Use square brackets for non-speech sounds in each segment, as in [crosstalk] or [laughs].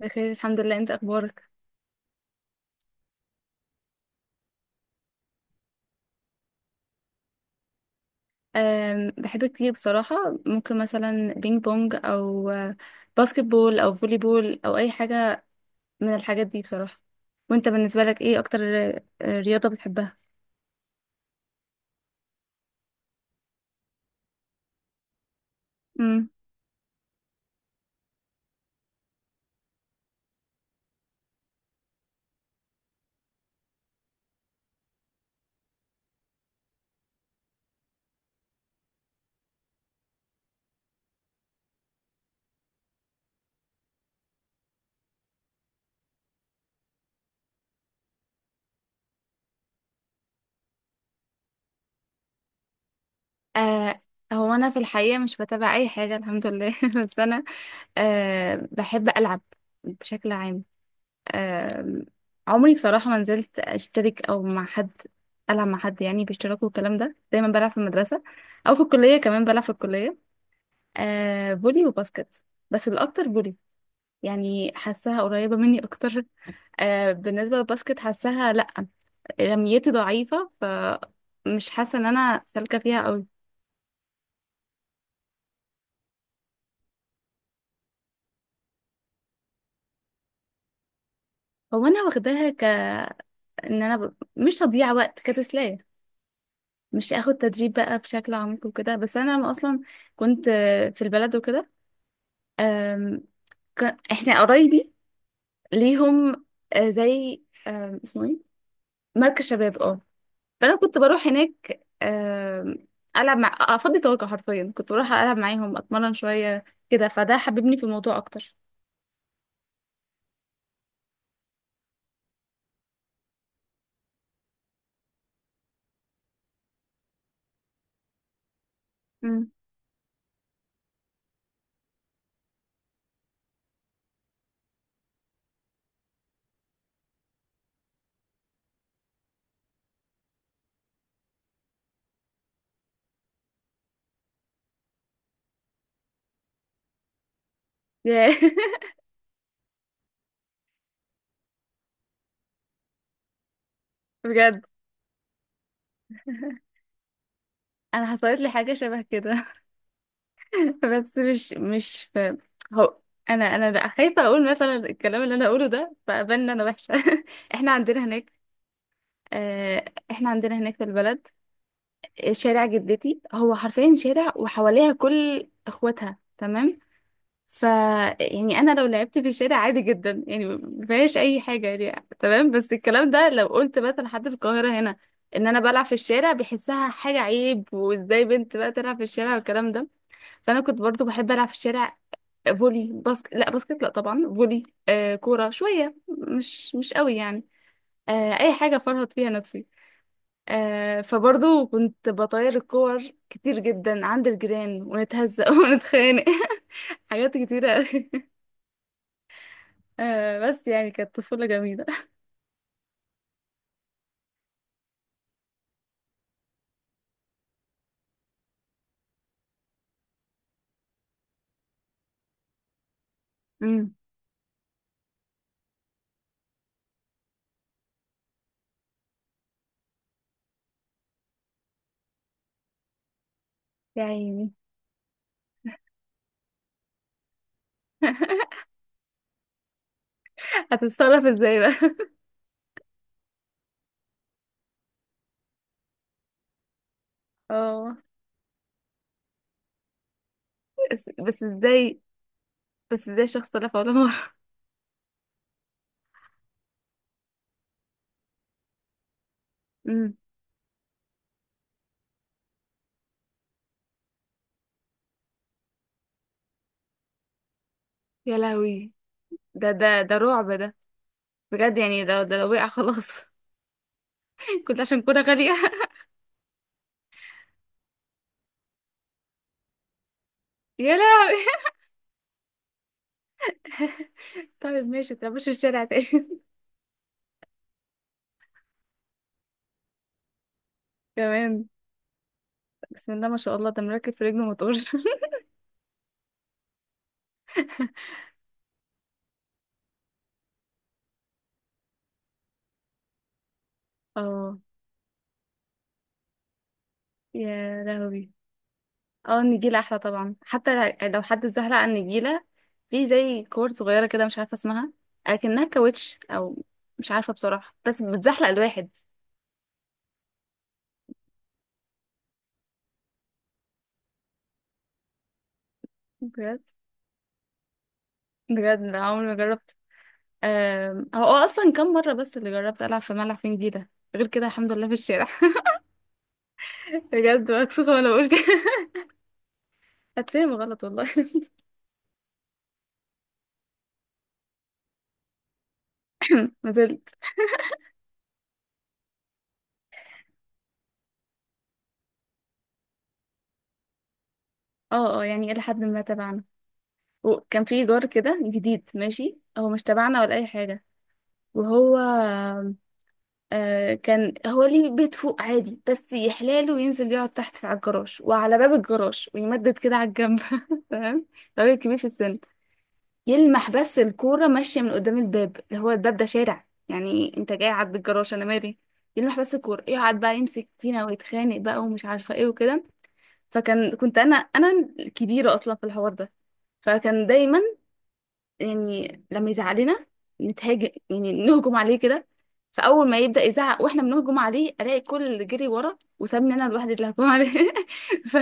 بخير الحمد لله. انت اخبارك؟ بحب كتير بصراحة. ممكن مثلا بينج بونج او باسكت بول او فولي بول او اي حاجة من الحاجات دي بصراحة. وانت بالنسبة لك ايه اكتر رياضة بتحبها؟ امم. آه، هو انا في الحقيقة مش بتابع اي حاجة الحمد لله [laughs] بس انا آه بحب العب بشكل عام. آه، عمري بصراحة ما نزلت اشترك او مع حد العب مع حد يعني باشتراك والكلام ده، دايما بلعب في المدرسة او في الكلية، كمان بلعب في الكلية آه فولي وباسكت، بس الأكتر فولي. يعني حاساها قريبة مني أكتر. آه بالنسبة للباسكت حاساها لأ، رميتي ضعيفة فمش حاسة إن أنا سالكة فيها أوي. هو أنا واخداها ك إن أنا ب... مش تضييع وقت كتسلية، مش آخد تدريب بقى بشكل عميق وكده. بس أنا لما أصلا كنت في البلد وكده، آم، ك... إحنا قرايبي ليهم آه، زي آم، اسمه إيه، مركز شباب. اه، فانا كنت بروح هناك العب مع افضي طاقه. حرفيا كنت بروح العب معاهم اتمرن شويه كده، فده حببني في الموضوع اكتر. مم. ياه، [laughs] بجد حصلت لي حاجه شبه كده. [laughs] بس مش في، هو انا بقى خايفه اقول مثلا الكلام اللي انا اقوله ده فابان إن انا وحشه. [laughs] احنا عندنا هناك آه، احنا عندنا هناك في البلد شارع جدتي، هو حرفيا شارع وحواليها كل اخواتها، تمام؟ ف يعني انا لو لعبت في الشارع عادي جدا يعني مفيهاش اي حاجه، يعني تمام. بس الكلام ده لو قلت مثلا حد في القاهره هنا ان انا بلعب في الشارع، بيحسها حاجه عيب. وازاي بنت بقى تلعب في الشارع والكلام ده. فانا كنت برضو بحب العب في الشارع فولي. باسكت لا، باسكت لا طبعا، فولي. آه كوره شويه مش قوي يعني، آه اي حاجه فرهط فيها نفسي. آه فبرضو كنت بطير الكور كتير جدا عند الجيران ونتهزق [laughs] ونتخانق. [laughs] حاجات كتيره أوي. آه بس يعني كانت طفولة جميلة. [laughs] امم. يا عيني. هتتصرف ازاي بقى؟ [laughs] اه. بس, ازاي؟ بس ازاي شخص لا فولا مرة؟ امم. يا لهوي. ده ده رعب ده، بجد. يعني ده لو وقع خلاص. [laughs] كنت عشان كنت غالية. [laughs] يا لهوي. [laughs] طيب ماشي، متلعبوش في الشارع تاني. [laughs] كمان بسم الله ما شاء الله، ده مركب في رجله موتور. [laughs] اه. يا لهوي. اه النجيلة احلى طبعا، حتى لو حد زهق عن النجيلة. في زي كور صغيرة كده مش عارفة اسمها، اكنها كاوتش او مش عارفة بصراحة، بس بتزحلق الواحد. بجد؟ بجد لا عمري ما جربت. هو اصلا كم مرة بس اللي جربت العب في ملعب في نجيلة، غير كده الحمد لله في الشارع. [laughs] بجد مكسوفة وانا بقول كده. [laughs] هتفهم غلط والله. [laughs] ما زلت. اه اه، يعني الى حد ما تبعنا، وكان في جار كده جديد ماشي، هو مش تبعنا ولا اي حاجة. وهو آه كان هو ليه بيت فوق عادي بس يحلاله وينزل يقعد تحت في على الجراج، وعلى باب الجراج ويمدد كده على الجنب [laughs] تمام؟ راجل كبير في السن. يلمح بس الكورة ماشية من قدام الباب، اللي هو الباب ده شارع يعني، انت جاي عند الجراج انا مالي؟ يلمح بس الكورة يقعد بقى يمسك فينا ويتخانق بقى ومش عارفة ايه وكده. فكان كنت انا الكبيرة اصلا في الحوار ده، فكان دايما يعني لما يزعلنا نتهاجم، يعني نهجم عليه كده. فاول ما يبدا يزعق واحنا بنهجم عليه، الاقي كل اللي جري ورا وسابني انا لوحدي اللي هجوم عليه. [laughs] ف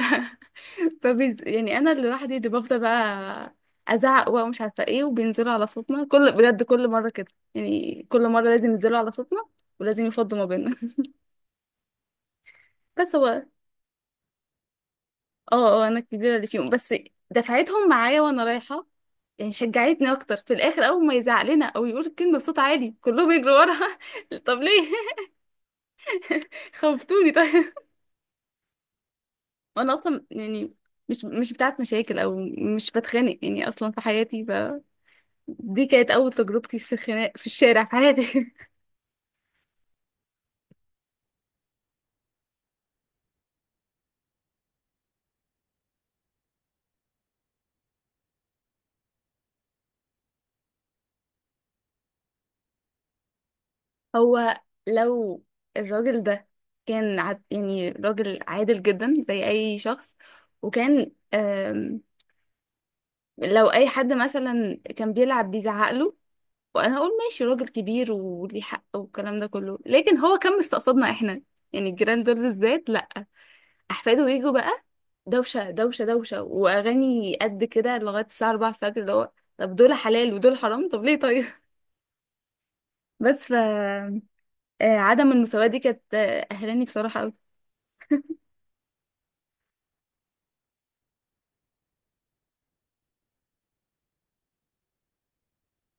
فبيز... يعني انا لوحدي اللي بفضل بقى ازعق بقى ومش عارفه ايه. وبينزلوا على صوتنا، كل بجد كل مره كده يعني، كل مره لازم ينزلوا على صوتنا ولازم يفضوا ما بيننا. [laughs] بس هو اه. اه انا الكبيره اللي فيهم، بس دفعتهم معايا وانا رايحه يعني. شجعتني اكتر في الاخر، اول ما يزعق لنا او يقول الكلمه بصوت عالي كلهم يجروا وراها. [laughs] طب ليه؟ [laughs] خوفتوني طيب. وانا اصلا يعني مش بتاعت مشاكل او مش بتخانق يعني اصلا في حياتي. ف دي كانت اول تجربتي في الخناق في الشارع في حياتي. [laughs] هو لو الراجل ده كان عد يعني راجل عادل جدا زي اي شخص، وكان لو اي حد مثلا كان بيلعب بيزعق له، وانا اقول ماشي راجل كبير وليه حق والكلام ده كله. لكن هو كان مستقصدنا احنا يعني، الجيران دول بالذات، لا. احفاده يجوا بقى دوشه دوشه دوشه واغاني قد كده لغايه الساعه 4 الفجر، اللي هو طب دول حلال ودول حرام؟ طب ليه طيب؟ [laughs] بس ف عدم المساواه دي كانت قهراني بصراحه قوي.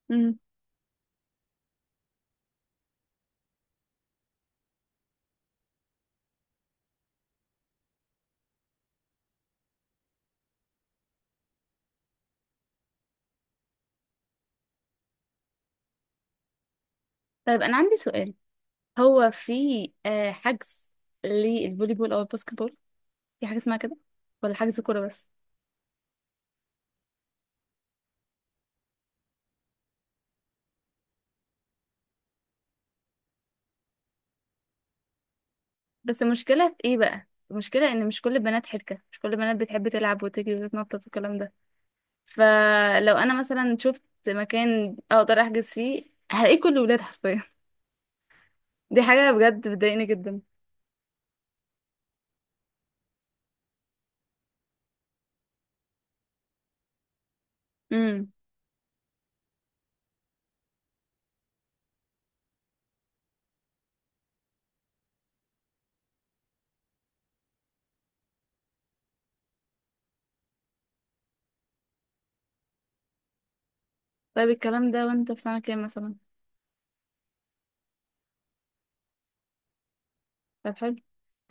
مم. طيب انا عندي سؤال، هو في حجز للفولي بول او الباسكت بول؟ في حاجه اسمها كده ولا حجز كوره بس؟ بس المشكلة في ايه بقى؟ المشكلة ان مش كل البنات حركة، مش كل البنات بتحب تلعب وتجري وتتنطط والكلام ده. فلو انا مثلا شفت مكان اقدر احجز فيه، هلاقيه كل الولاد حرفيا. [laughs] دي حاجة بجد بتضايقني جدا. امم. طيب الكلام ده وانت في سنة كام مثلا؟ طب حلو،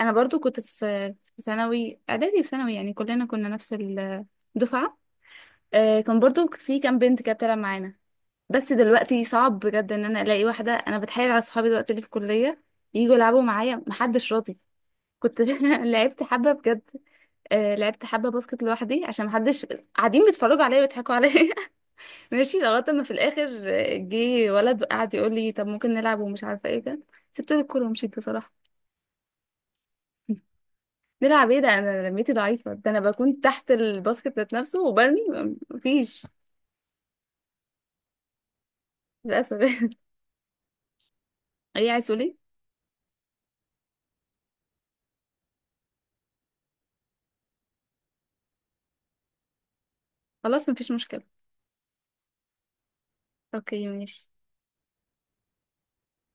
انا برضو كنت في ثانوي، اعدادي وثانوي، يعني كلنا كنا نفس الدفعة. آه كان برضو في كام بنت كده بتلعب معانا، بس دلوقتي صعب بجد ان انا الاقي واحده. انا بتحايل على صحابي دلوقتي اللي في الكليه يجوا يلعبوا معايا، محدش راضي. كنت [laughs] لعبت حبه بجد. آه لعبت حبه باسكت لوحدي عشان محدش، قاعدين بيتفرجوا عليا ويضحكوا عليا. [laughs] ماشي لغايه ما في الاخر جه ولد قعد يقول لي طب ممكن نلعب ومش عارفه ايه كده، سبت له الكوره ومشيت بصراحه. [laughs] نلعب ايه ده؟ انا لميتي ضعيفه، ده انا بكون تحت الباسكت ذات نفسه وبرمي مفيش، للاسف. [laughs] ايه عايز تقولي؟ خلاص مفيش مشكله. اوكي ماشي.